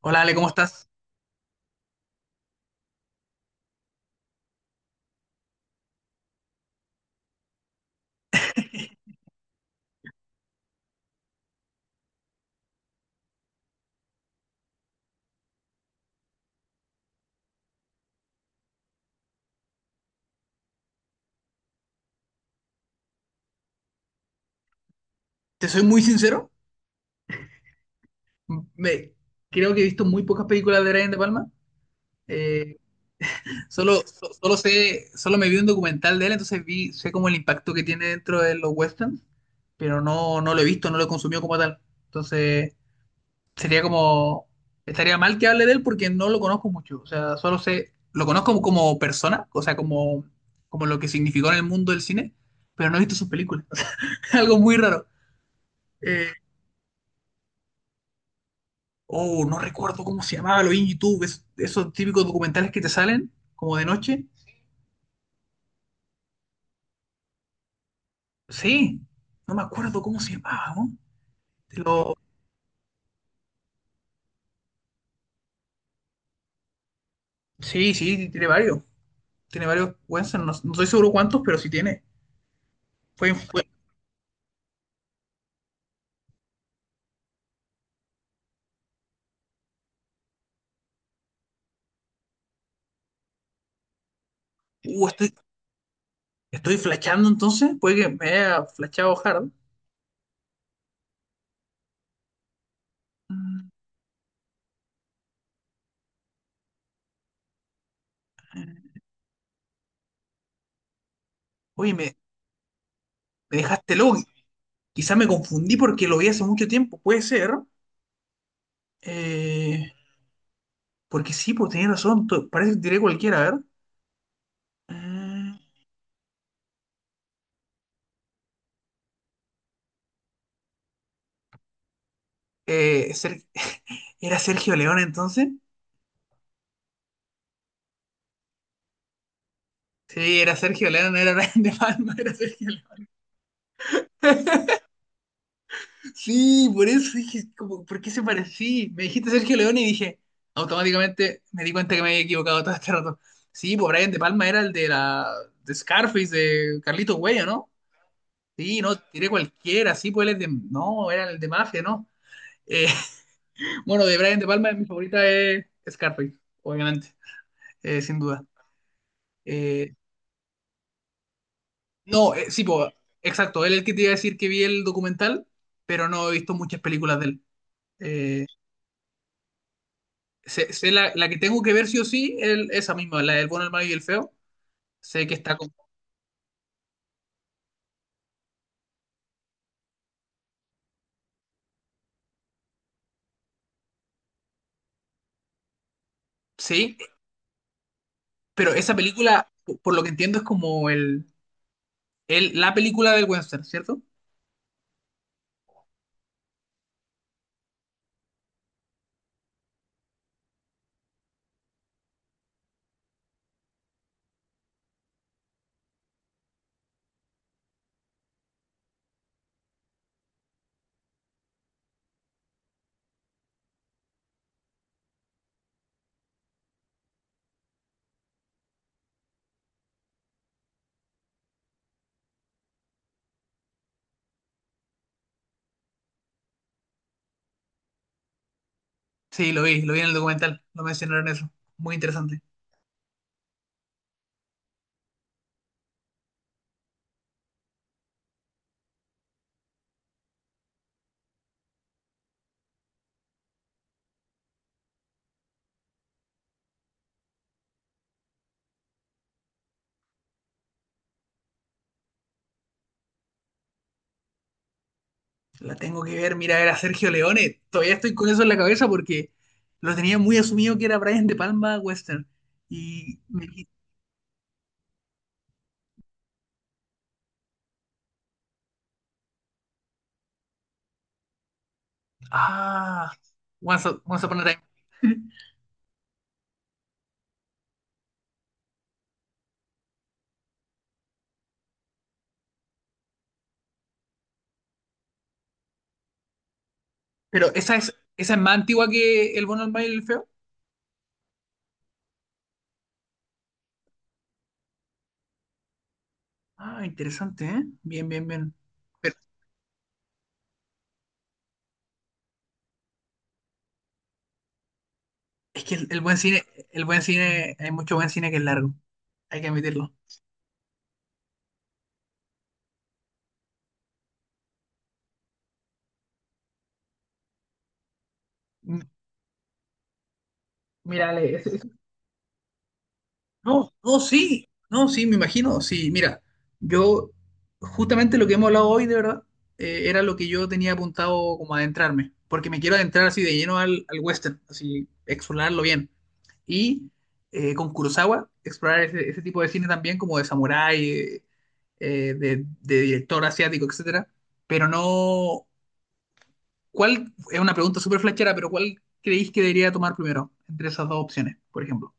Hola Ale, ¿cómo estás? Te soy muy sincero, me, creo que he visto muy pocas películas de Brian De Palma. Eh, solo sé, solo me vi un documental de él, entonces vi, sé como el impacto que tiene dentro de los westerns, pero no lo he visto, no lo he consumido como tal. Entonces, sería como, estaría mal que hable de él porque no lo conozco mucho. O sea, solo sé, lo conozco como persona, o sea, como, como lo que significó en el mundo del cine, pero no he visto sus películas. Algo muy raro. Eh, Oh, no recuerdo cómo se llamaba, lo vi en YouTube, esos típicos documentales que te salen como de noche. Sí, no me acuerdo cómo se llamaba, ¿no? Te lo- Sí, sí, tiene varios. Tiene varios Wensen, no estoy seguro cuántos, pero sí tiene. Fue, fue- Uh, estoy, estoy flashando entonces, puede que me haya flashado hard. Mm, Oye, me dejaste loco. Quizás me confundí porque lo vi hace mucho tiempo, puede ser. Eh, porque sí, pues tenía razón, parece que tiré cualquiera, a ver. Mm, Eh, ¿Era Sergio León entonces? Sí, era Sergio León, era Brian De Palma, era Sergio León. Sí, por eso dije, como, ¿por qué se parecía? Me dijiste Sergio León y dije, automáticamente me di cuenta que me había equivocado todo este rato. Sí, pues Brian De Palma era el de la de Scarface, de Carlitos Güey, ¿o no? Sí, no, tiré cualquiera, sí, pues él es de, no, era el de Mafia, ¿no? Eh, bueno, de Brian De Palma, mi favorita es Scarface, obviamente, sin duda. Eh, No, sí, po, exacto. Él es el que te iba a decir que vi el documental, pero no he visto muchas películas de él. Eh, sé la, la que tengo que ver sí o sí, esa misma, la del bueno, el malo y el feo. Sé que está con... Sí, pero esa película, por lo que entiendo, es como el, la película del western, ¿cierto? Sí, lo vi en el documental, lo mencionaron eso. Muy interesante. La tengo que ver, mira, era Sergio Leone. Todavía estoy con eso en la cabeza porque lo tenía muy asumido que era Brian De Palma western. Y me, Ah, Once, Once Upon a Time. Pero esa es más antigua que El bueno, el malo y el feo. Ah, interesante, ¿eh? Bien, bien, bien. Pero es que el buen cine, hay mucho buen cine que es largo. Hay que admitirlo. M- Mira, Ale, No, no, sí, no, sí, me imagino, sí, mira, yo justamente lo que hemos hablado hoy, de verdad, era lo que yo tenía apuntado como adentrarme, porque me quiero adentrar así de lleno al, al western, así, explorarlo bien. Y con Kurosawa, explorar ese, ese tipo de cine también, como de samurái, de director asiático, etcétera. Pero no, ¿cuál? Es una pregunta súper flashera, pero ¿cuál creéis que debería tomar primero entre esas dos opciones, por ejemplo?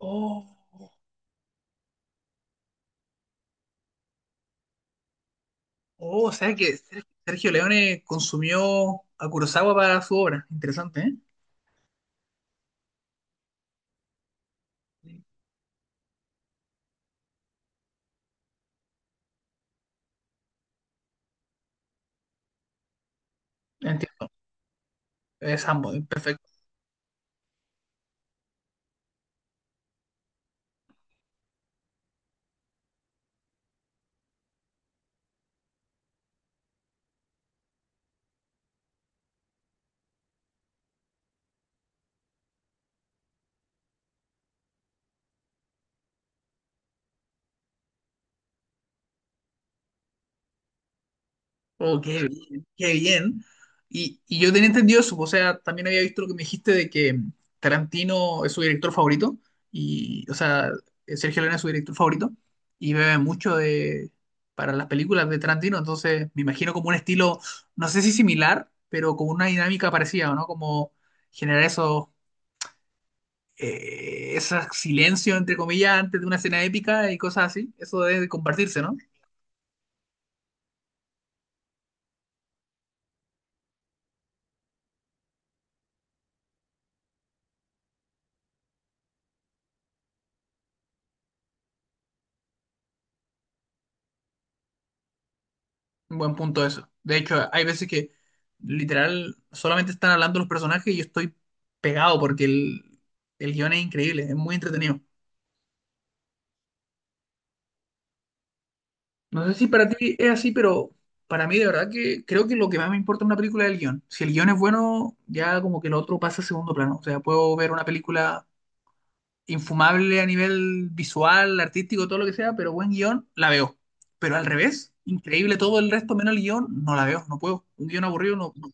Oh. Oh, o sea que Sergio Leone consumió a Kurosawa para su obra. Interesante, ¿eh? Sí. Entiendo. Es ambos, perfecto. Oh, qué bien, qué bien. Y yo tenía entendido eso, o sea, también había visto lo que me dijiste de que Tarantino es su director favorito, y, o sea, Sergio Leone es su director favorito, y bebe mucho de, para las películas de Tarantino, entonces me imagino como un estilo, no sé si similar, pero como una dinámica parecida, ¿no? Como generar esos ese silencio, entre comillas, antes de una escena épica y cosas así, eso debe compartirse, ¿no? Un buen punto eso. De hecho, hay veces que literal solamente están hablando los personajes y yo estoy pegado porque el guión es increíble, es muy entretenido. No sé si para ti es así, pero para mí de verdad que creo que lo que más me importa en una película es el guión. Si el guión es bueno, ya como que lo otro pasa a segundo plano. O sea, puedo ver una película infumable a nivel visual, artístico, todo lo que sea, pero buen guión, la veo. Pero al revés, increíble todo el resto, menos el guión, no la veo, no puedo. Un guión aburrido, no.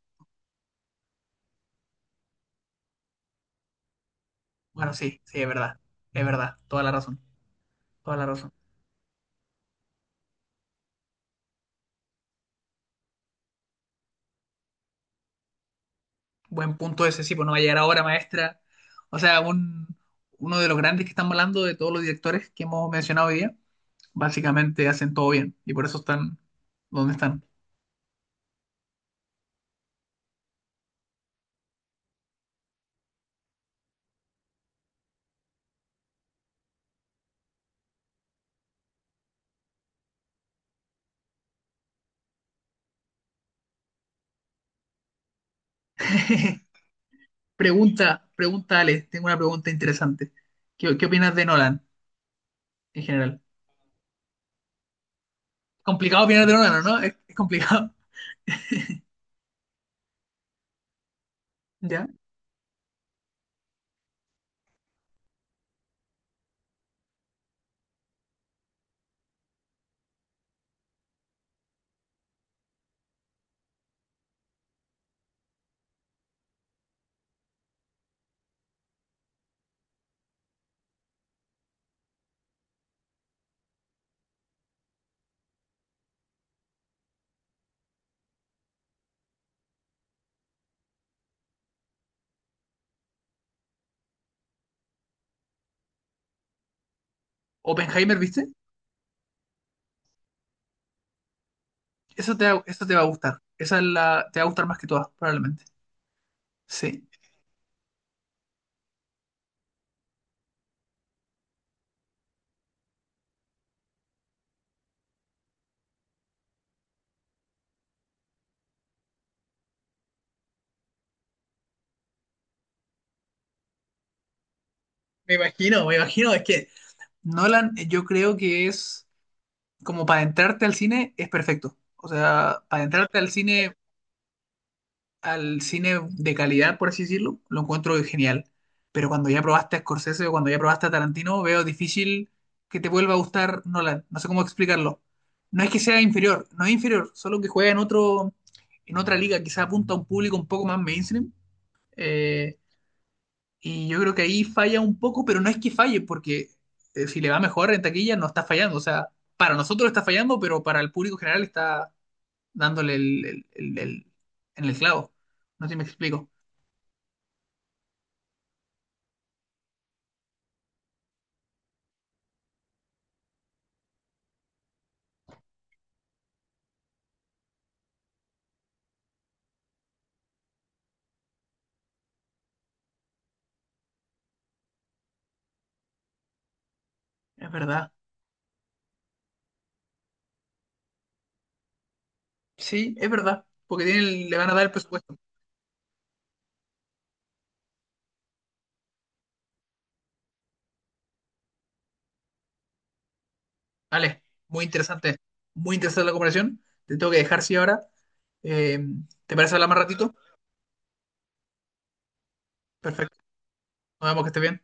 Bueno, sí, sí, es verdad, toda la razón, toda la razón. Buen punto ese, sí, pues no va a llegar ahora, maestra. O sea, un, uno de los grandes que están hablando de todos los directores que hemos mencionado hoy día, básicamente hacen todo bien y por eso están donde están. Pregunta, pregunta, Ale, tengo una pregunta interesante. ¿Qué, qué opinas de Nolan en general? Complicado opinar de Nolan, ¿o no? Es complicado. ¿Ya? Oppenheimer, ¿viste? Eso te, eso te va a gustar. Esa es la, te va a gustar más que todas, probablemente. Sí. Me imagino, me imagino. Es que Nolan, yo creo que es como para entrarte al cine, es perfecto. O sea, para entrarte al cine de calidad, por así decirlo, lo encuentro genial. Pero cuando ya probaste a Scorsese o cuando ya probaste a Tarantino, veo difícil que te vuelva a gustar Nolan. No sé cómo explicarlo. No es que sea inferior, no es inferior, solo que juega en otro, en otra liga, quizá apunta a un público un poco más mainstream. eh, y yo creo que ahí falla un poco, pero no es que falle, porque si le va mejor en taquilla, no está fallando. O sea, para nosotros está fallando, pero para el público general está dándole el, en el clavo. No sé si me explico. Es verdad. Sí, es verdad. Porque le van a dar el presupuesto. Vale, muy interesante. Muy interesante la comparación. Te tengo que dejar, sí, ahora. Eh, ¿Te parece hablar más ratito? Perfecto. Nos vemos que esté bien.